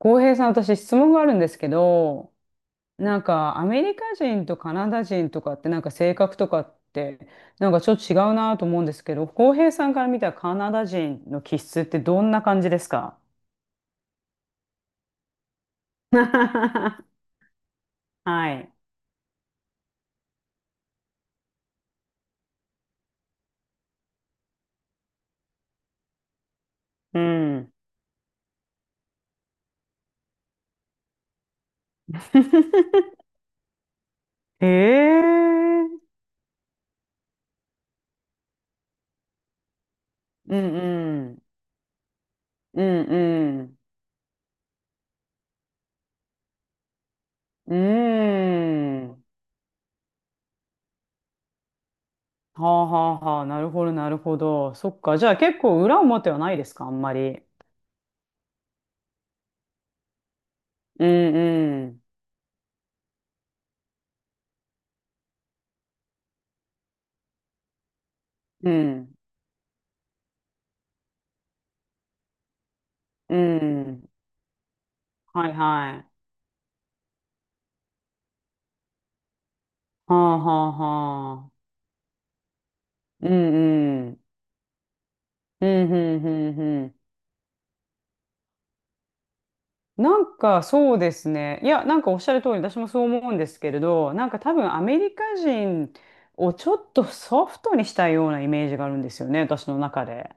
浩平さん、私質問があるんですけど、なんかアメリカ人とカナダ人とかってなんか性格とかってなんかちょっと違うなと思うんですけど、浩平さんから見たカナダ人の気質ってどんな感じですか？ はい。うん。へえ。うんうん。うんうん。うん。はあはあはあ。なるほど、なるほど。そっか。じゃあ結構裏表はないですか、あんまり。うんうん。うん。うん。はいはい。はあはあはあ。うんうん。うんうんうんうん。なんかそうですね。いや、なんかおっしゃる通り、私もそう思うんですけれど、なんか多分アメリカ人をちょっとソフトにしたようなイメージがあるんですよね、私の中で。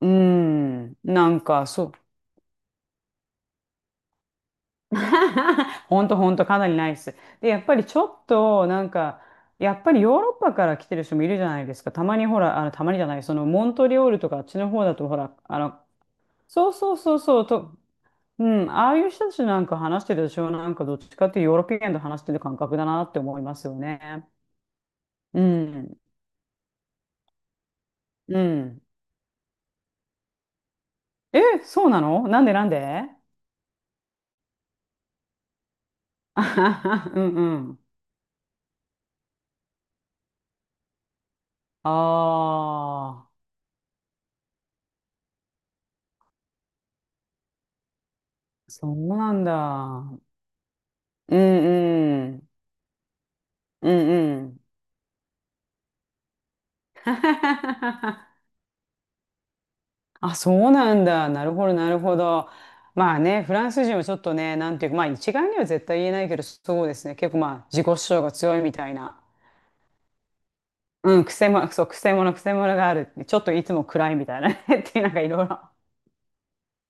うん。なんかそう。ほんとほんと、かなりないです。で、やっぱりちょっとなんか、やっぱりヨーロッパから来てる人もいるじゃないですか。たまにほら、たまにじゃない、そのモントリオールとかあっちの方だとほら、そうそうそうそう、と、うん、ああいう人たちなんか話してるでしょ、なんかどっちかっていうヨーロピアンと話してる感覚だなって思いますよね。うん、うん。え、そうなの、なんでなんで？あはは うんうん。ああ、そうなんだ。うんうん。うんうん。あ、そうなんだ。なるほど、なるほど。まあね、フランス人はちょっとね、なんていうか、まあ一概には絶対言えないけど、そうですね。結構まあ自己主張が強いみたいな。うん、くせも、そう、くせ者、くせ者があるって。ちょっといつも暗いみたいなね。っていうなんかいろいろ。あ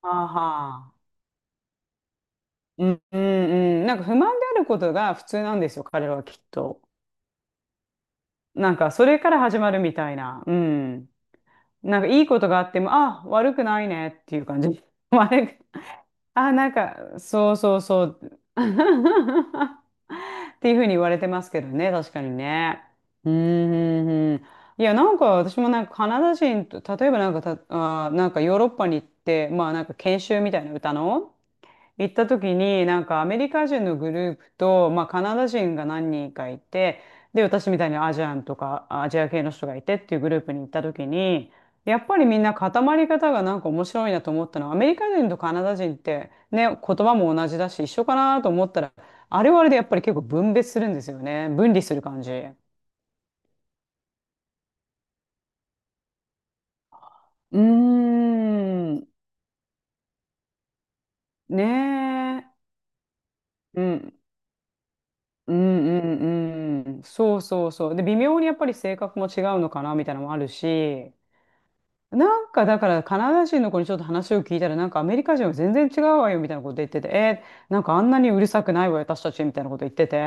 ーはーうん、うん、うん。なんか不満であることが普通なんですよ、彼らはきっと。なんかそれから始まるみたいな。うん。なんかいいことがあっても、あ、悪くないねっていう感じ。悪くあ、なんか、そうそうそう。っていうふうに言われてますけどね、確かにね。うん、うんうん。いや、なんか私もなんかカナダ人と、例えばなんかた、あー、なんかヨーロッパに行って、まあなんか研修みたいな歌の、行った時になんかアメリカ人のグループと、まあ、カナダ人が何人かいて、で、私みたいにアジアンとかアジア系の人がいてっていうグループに行った時に、やっぱりみんな固まり方がなんか面白いなと思ったのは、アメリカ人とカナダ人ってね、言葉も同じだし一緒かなと思ったら、あれはあれでやっぱり結構分別するんですよね、分離する感じ。うーん。ねえ。うんうんうんうん。そうそうそう。で、微妙にやっぱり性格も違うのかなみたいなのもあるし、なんかだからカナダ人の子にちょっと話を聞いたら、なんかアメリカ人は全然違うわよみたいなこと言ってて、なんかあんなにうるさくないわよ、私たちみたいなこと言ってて。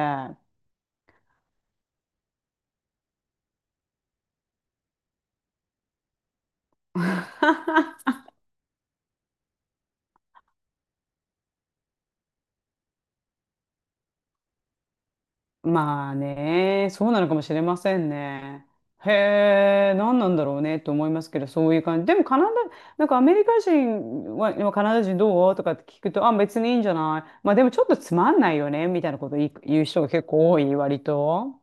まあね、そうなのかもしれませんね。へえ、何なんだろうねと思いますけど、そういう感じ。でもカナダ、なんかアメリカ人は、今カナダ人どうとかって聞くと、あ、別にいいんじゃない。まあでもちょっとつまんないよね、みたいなこと言う人が結構多い、割と。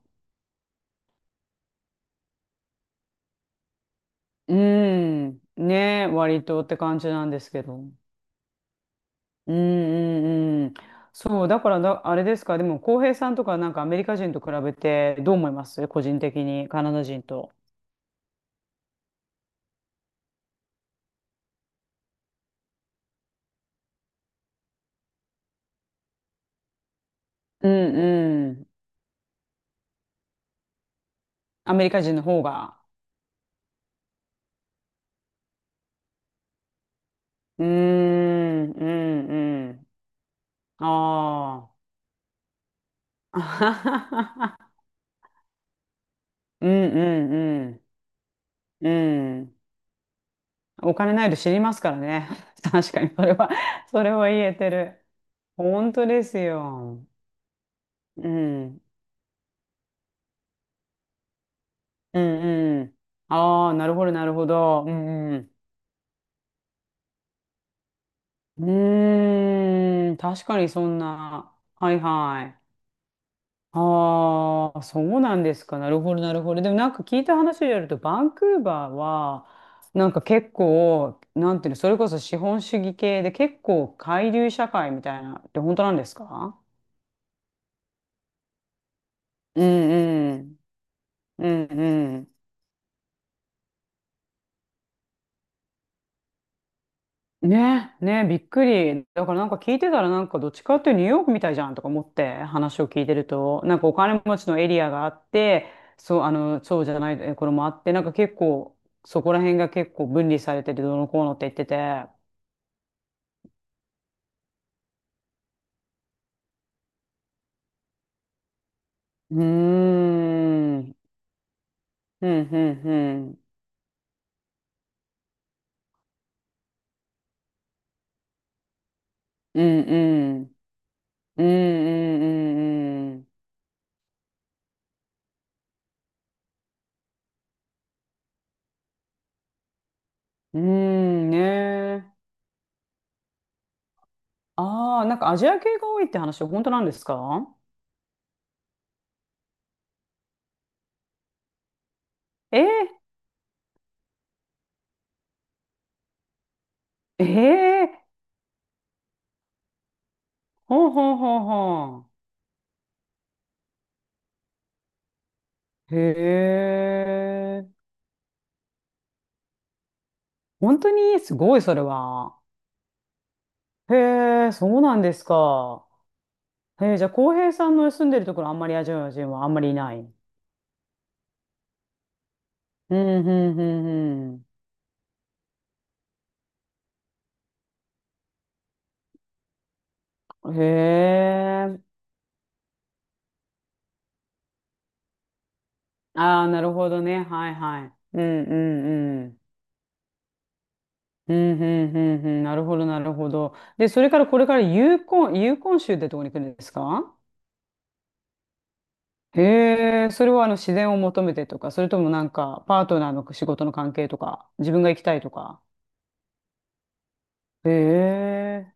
うん、ね、割とって感じなんですけど。うんうんうん。そう、だからだ、あれですか、でも、浩平さんとかなんかアメリカ人と比べてどう思います個人的に、カナダ人と？うんうん。アメリカ人の方が。うーん、うん、うん。ああ。あはははうん、うん、うん。うん。お金ないと知りますからね。確かに、それは、それは言えてる。本当ですよ。うん、うん、うん。ああ、なるほど、なるほど。うん、うん。うーん、確かにそんな。はいはい。ああ、そうなんですか。なるほど、なるほど。でもなんか聞いた話によると、バンクーバーは、なんか結構、なんていうの、それこそ資本主義系で結構海流社会みたいなって本当なんですか？うんうん。うんうん。ね、ね、びっくり。だからなんか聞いてたらなんかどっちかっていうとニューヨークみたいじゃんとか思って話を聞いてると、なんかお金持ちのエリアがあって、そう、そうじゃないとこれもあって、なんか結構そこら辺が結構分離されててどうのこうのって言ってて。うーん、うん、うん、うん、うん、うん、うん、うん、うん、うん、うんね。ああ、なんかアジア系が多いって話本当なんですか？えー、えー、ほうほうほうほう。へえ。本当にすごい、それは。へえ、そうなんですか。へえ、じゃあ、浩平さんの住んでるところ、あんまりアジア人はあんまりいない。うん、うん、うん、うん。へえ。ああ、なるほどね。はい、はい。うん、うん、うん。うん、うん、うん、うん。なるほど、なるほど。で、それからこれからユーコン、ユーコン州ってところに来るんですか？へえ、それは自然を求めてとか、それともなんかパートナーの仕事の関係とか、自分が行きたいとか。へえ。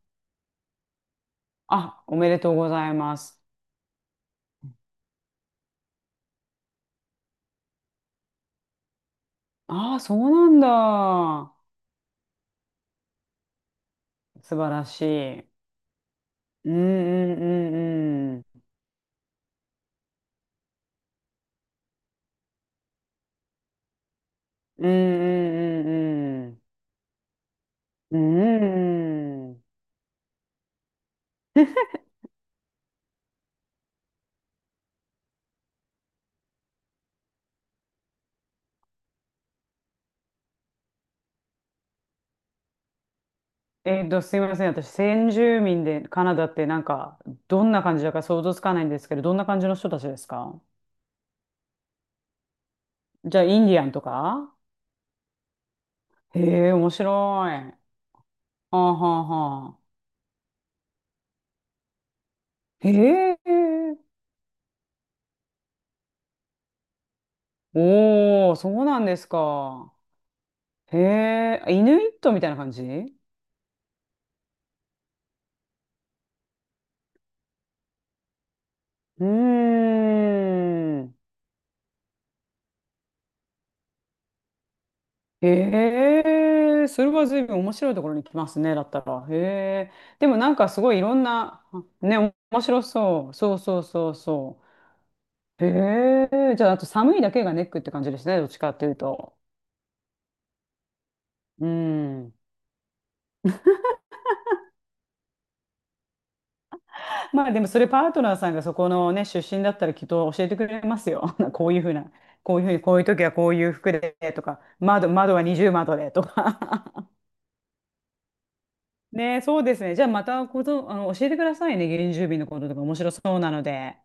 あ、おめでとうございます。ああ、そうなんだ。素晴らしい。うんうんうんうん。うんうんうんうん。うん。すいません。私、先住民でカナダってなんか、どんな感じだか想像つかないんですけど、どんな感じの人たちですか？じゃあ、インディアンとか？へえ、面白い。はあはあはあ。へえ。おー、そうなんですか。へえ、イヌイットみたいな感じ？うーん。へえ、それは随分面白いところに来ますね、だったら。へえ。でもなんかすごいいろんな、ね、面白そう。そうそうそうそう。へえ、じゃああと寒いだけがネックって感じですね、どっちかっていうと。うん。まあでもそれ、パートナーさんがそこのね、出身だったらきっと教えてくれますよ。こういうふうな、こういうふうに、こういう時はこういう服でとか、窓は二重窓でとか。ね、そうですね。じゃあまたこと、あの、教えてくださいね。原住民のこととか面白そうなので。